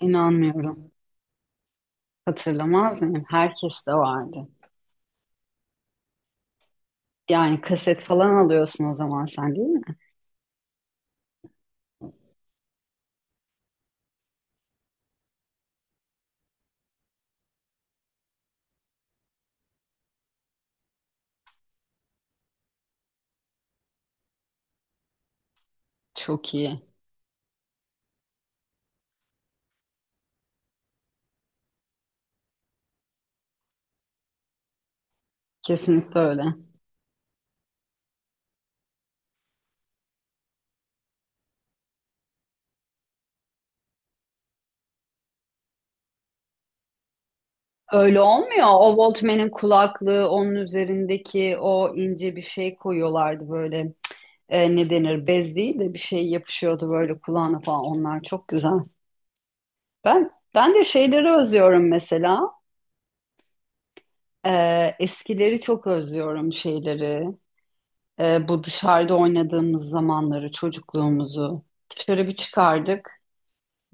İnanmıyorum. Hatırlamaz mıyım? Herkes de vardı. Yani kaset falan alıyorsun o zaman sen değil mi? Çok iyi. Kesinlikle öyle. Öyle olmuyor. O Walkman'in kulaklığı, onun üzerindeki o ince bir şey koyuyorlardı böyle. Ne denir? Bez değil de bir şey yapışıyordu böyle kulağına falan. Onlar çok güzel. Ben de şeyleri özlüyorum mesela. E, Eskileri çok özlüyorum şeyleri. Bu dışarıda oynadığımız zamanları, çocukluğumuzu dışarı bir çıkardık.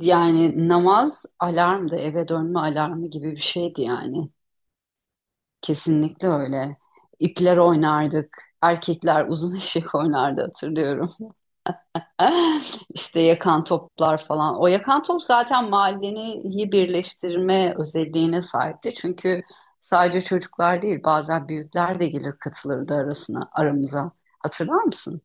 Yani namaz alarmdı, eve dönme alarmı gibi bir şeydi yani. Kesinlikle öyle. İpler oynardık. Erkekler uzun eşek oynardı hatırlıyorum. İşte yakan toplar falan. O yakan top zaten mahalleyi birleştirme özelliğine sahipti. Çünkü sadece çocuklar değil, bazen büyükler de gelir katılırdı arasına, aramıza. Hatırlar mısın?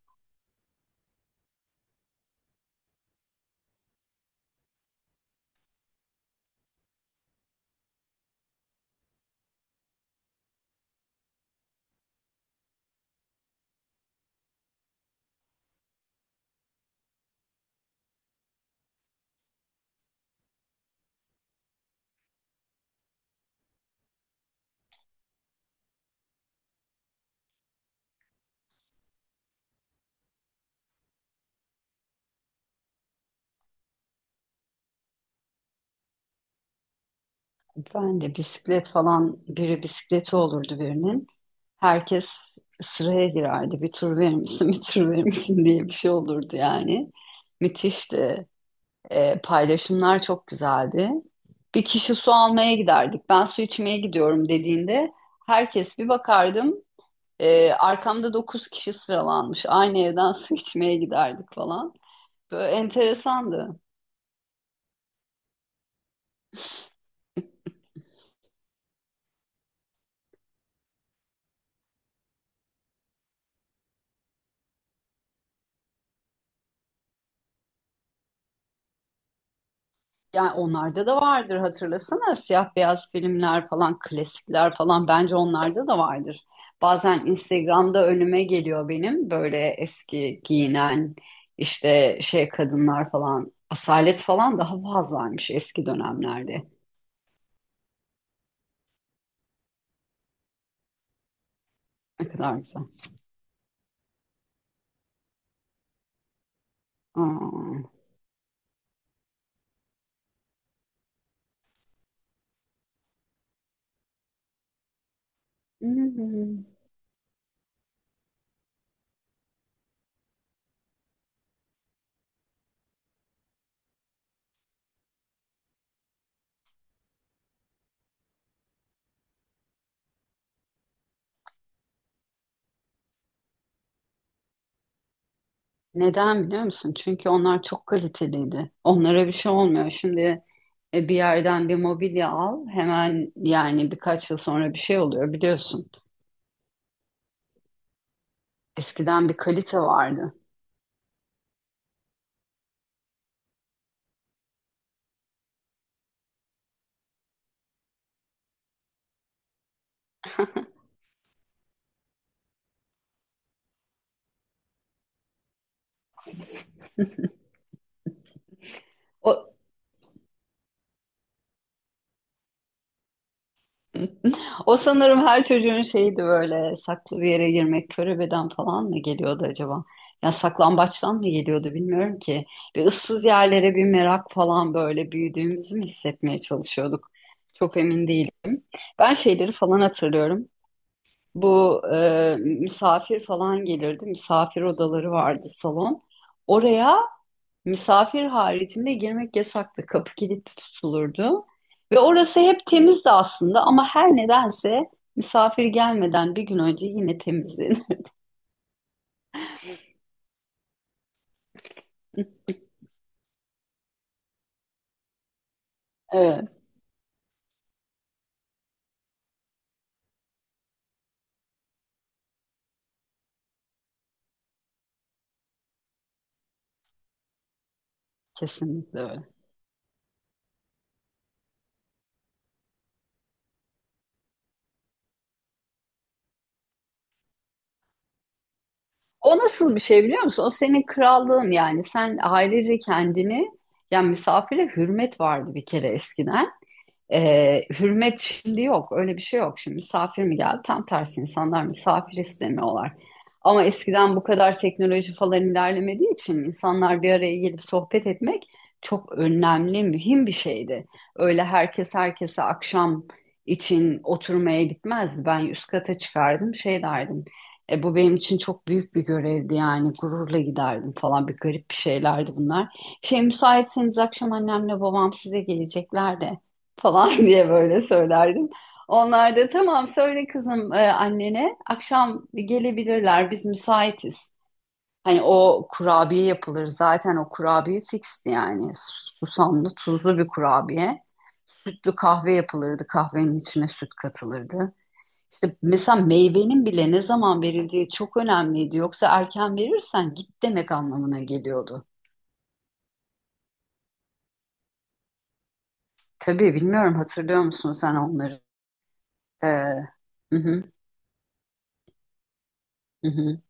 Ben de bisiklet falan biri bisikleti olurdu birinin. Herkes sıraya girerdi. Bir tur verir misin, bir tur verir misin diye bir şey olurdu yani. Müthişti. Paylaşımlar çok güzeldi. Bir kişi su almaya giderdik. Ben su içmeye gidiyorum dediğinde herkes bir bakardım. Arkamda dokuz kişi sıralanmış. Aynı evden su içmeye giderdik falan. Böyle enteresandı. Yani onlarda da vardır, hatırlasana, siyah beyaz filmler falan, klasikler falan, bence onlarda da vardır. Bazen Instagram'da önüme geliyor benim, böyle eski giyinen işte şey kadınlar falan, asalet falan daha fazlaymış eski dönemlerde. Ne kadar güzel. Aa. Hmm. Neden biliyor musun? Çünkü onlar çok kaliteliydi. Onlara bir şey olmuyor. Şimdi bir yerden bir mobilya al, hemen yani birkaç yıl sonra bir şey oluyor biliyorsun. Eskiden bir kalite vardı. O, o sanırım her çocuğun şeydi, böyle saklı bir yere girmek körebeden falan mı geliyordu acaba? Ya saklambaçtan mı geliyordu bilmiyorum ki. Bir ıssız yerlere bir merak falan, böyle büyüdüğümüzü mü hissetmeye çalışıyorduk? Çok emin değilim. Ben şeyleri falan hatırlıyorum. Bu misafir falan gelirdi. Misafir odaları vardı, salon. Oraya misafir haricinde girmek yasaktı. Kapı kilitli tutulurdu. Ve orası hep temizdi aslında, ama her nedense misafir gelmeden bir gün önce yine temizdi. Evet, kesinlikle öyle. O nasıl bir şey biliyor musun? O senin krallığın yani. Sen ailece kendini, yani misafire hürmet vardı bir kere eskiden. Hürmet şimdi yok. Öyle bir şey yok. Şimdi misafir mi geldi? Tam tersi, insanlar misafir istemiyorlar. Ama eskiden bu kadar teknoloji falan ilerlemediği için insanlar bir araya gelip sohbet etmek çok önemli, mühim bir şeydi. Öyle herkes herkese akşam için oturmaya gitmezdi. Ben üst kata çıkardım, şey derdim. Bu benim için çok büyük bir görevdi yani, gururla giderdim falan, bir garip bir şeylerdi bunlar. Şey, müsaitseniz akşam annemle babam size gelecekler de falan diye böyle söylerdim. Onlar da tamam söyle kızım, annene akşam gelebilirler, biz müsaitiz. Hani o kurabiye yapılır zaten, o kurabiye fixti yani, susamlı tuzlu bir kurabiye. Sütlü kahve yapılırdı, kahvenin içine süt katılırdı. İşte mesela meyvenin bile ne zaman verildiği çok önemliydi. Yoksa erken verirsen git demek anlamına geliyordu. Tabii, bilmiyorum, hatırlıyor musun sen onları? Ee, hı hı, hı hı.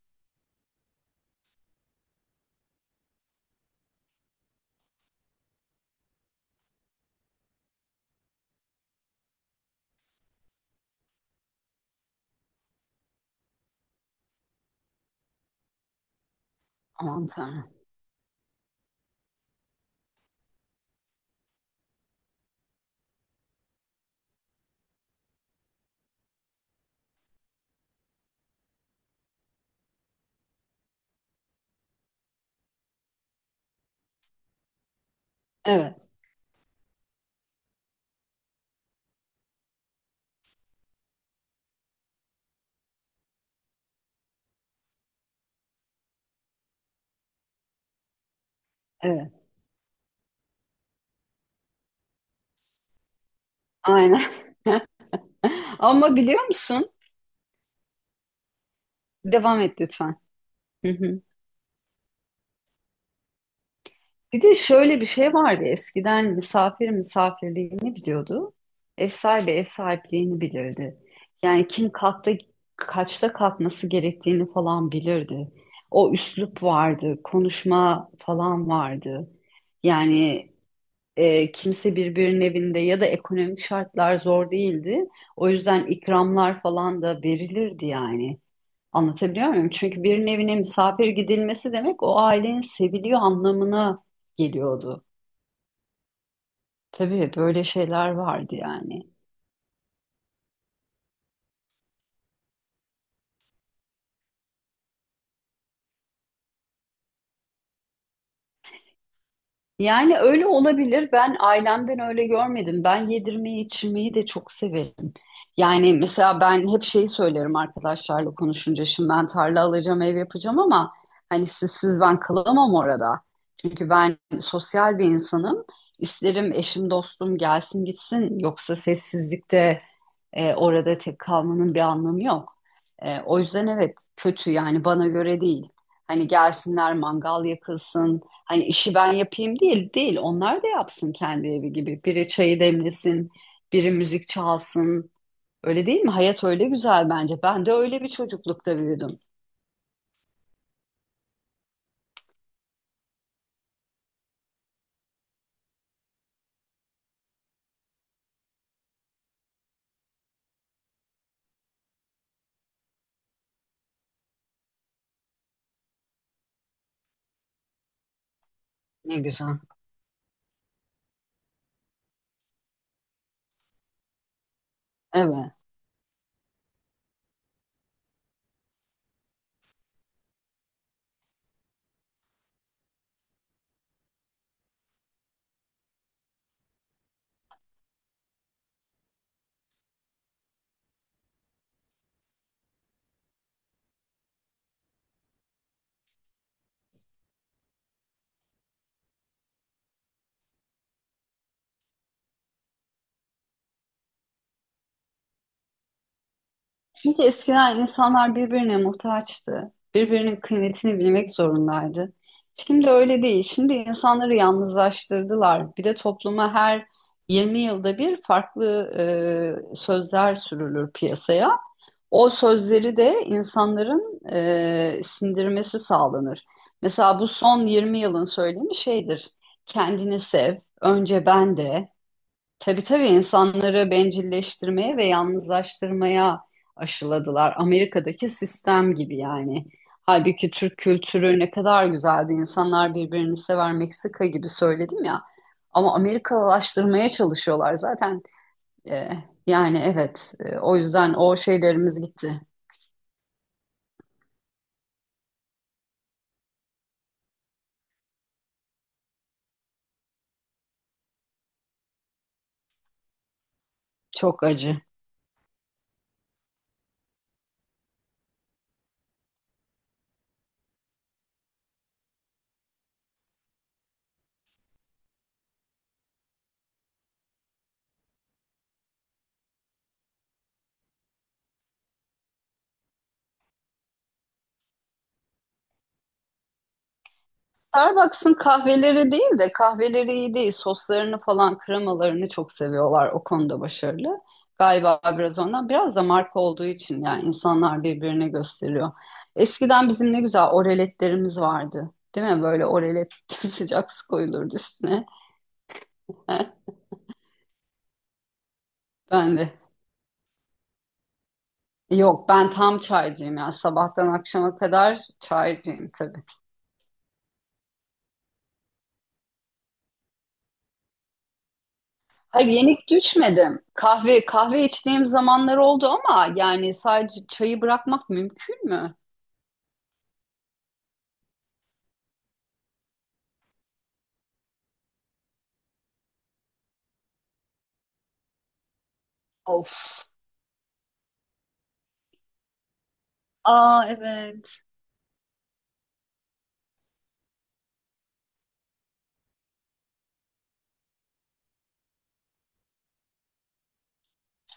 Aman Tanrım. Evet, evet. Aynen. Ama biliyor musun? Devam et lütfen. Hı hı. Bir de şöyle bir şey vardı. Eskiden misafir misafirliğini biliyordu. Ev sahibi ev sahipliğini bilirdi. Yani kim kalkta kaçta kalkması gerektiğini falan bilirdi. O üslup vardı, konuşma falan vardı. Yani kimse birbirinin evinde ya da ekonomik şartlar zor değildi. O yüzden ikramlar falan da verilirdi yani. Anlatabiliyor muyum? Çünkü birinin evine misafir gidilmesi demek o ailenin seviliyor anlamına geliyordu. Tabii böyle şeyler vardı yani. Yani öyle olabilir. Ben ailemden öyle görmedim. Ben yedirmeyi, içirmeyi de çok severim. Yani mesela ben hep şeyi söylerim arkadaşlarla konuşunca. Şimdi ben tarla alacağım, ev yapacağım, ama hani sizsiz ben kalamam orada. Çünkü ben sosyal bir insanım. İsterim eşim, dostum gelsin gitsin. Yoksa sessizlikte, orada tek kalmanın bir anlamı yok. O yüzden evet, kötü yani, bana göre değil. Hani gelsinler, mangal yakılsın. Hani işi ben yapayım değil değil. Onlar da yapsın kendi evi gibi. Biri çayı demlesin, biri müzik çalsın. Öyle değil mi? Hayat öyle güzel bence. Ben de öyle bir çocuklukta büyüdüm. Ne güzel. Evet. Çünkü eskiden insanlar birbirine muhtaçtı. Birbirinin kıymetini bilmek zorundaydı. Şimdi öyle değil. Şimdi insanları yalnızlaştırdılar. Bir de topluma her 20 yılda bir farklı sözler sürülür piyasaya. O sözleri de insanların sindirmesi sağlanır. Mesela bu son 20 yılın söylemi şeydir. Kendini sev, önce ben de. Tabii tabii, insanları bencilleştirmeye ve yalnızlaştırmaya aşıladılar. Amerika'daki sistem gibi yani. Halbuki Türk kültürü ne kadar güzeldi. İnsanlar birbirini sever, Meksika gibi söyledim ya. Ama Amerikalılaştırmaya çalışıyorlar zaten. Ee, Yani evet, o yüzden o şeylerimiz gitti. Çok acı. Starbucks'ın kahveleri değil de kahveleri iyi değil. Soslarını falan, kremalarını çok seviyorlar. O konuda başarılı. Galiba biraz ondan. Biraz da marka olduğu için yani, insanlar birbirine gösteriyor. Eskiden bizim ne güzel oreletlerimiz vardı. Değil mi? Böyle orelet, sıcak su koyulurdu üstüne. Ben de. Yok, ben tam çaycıyım yani, sabahtan akşama kadar çaycıyım tabii. Hayır, yenik düşmedim. Kahve kahve içtiğim zamanlar oldu ama yani sadece çayı bırakmak mümkün mü? Of. Aa, evet.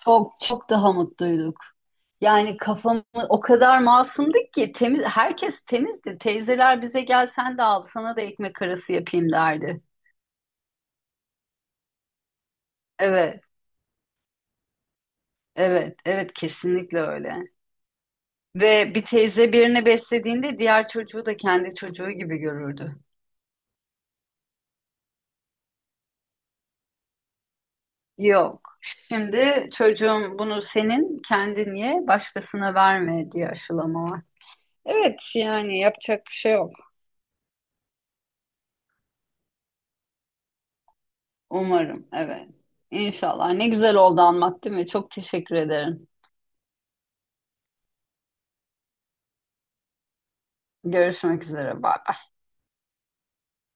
Çok çok daha mutluyduk. Yani o kadar masumduk ki, temiz, herkes temizdi. Teyzeler bize gel, sen de al, sana da ekmek arası yapayım derdi. Evet, evet, evet, kesinlikle öyle. Ve bir teyze birini beslediğinde diğer çocuğu da kendi çocuğu gibi görürdü. Yok. Şimdi çocuğum bunu senin kendin ye, başkasına verme diye aşılama var. Evet yani, yapacak bir şey yok. Umarım. Evet. İnşallah. Ne güzel oldu, anlat, değil mi? Çok teşekkür ederim. Görüşmek üzere. Bye.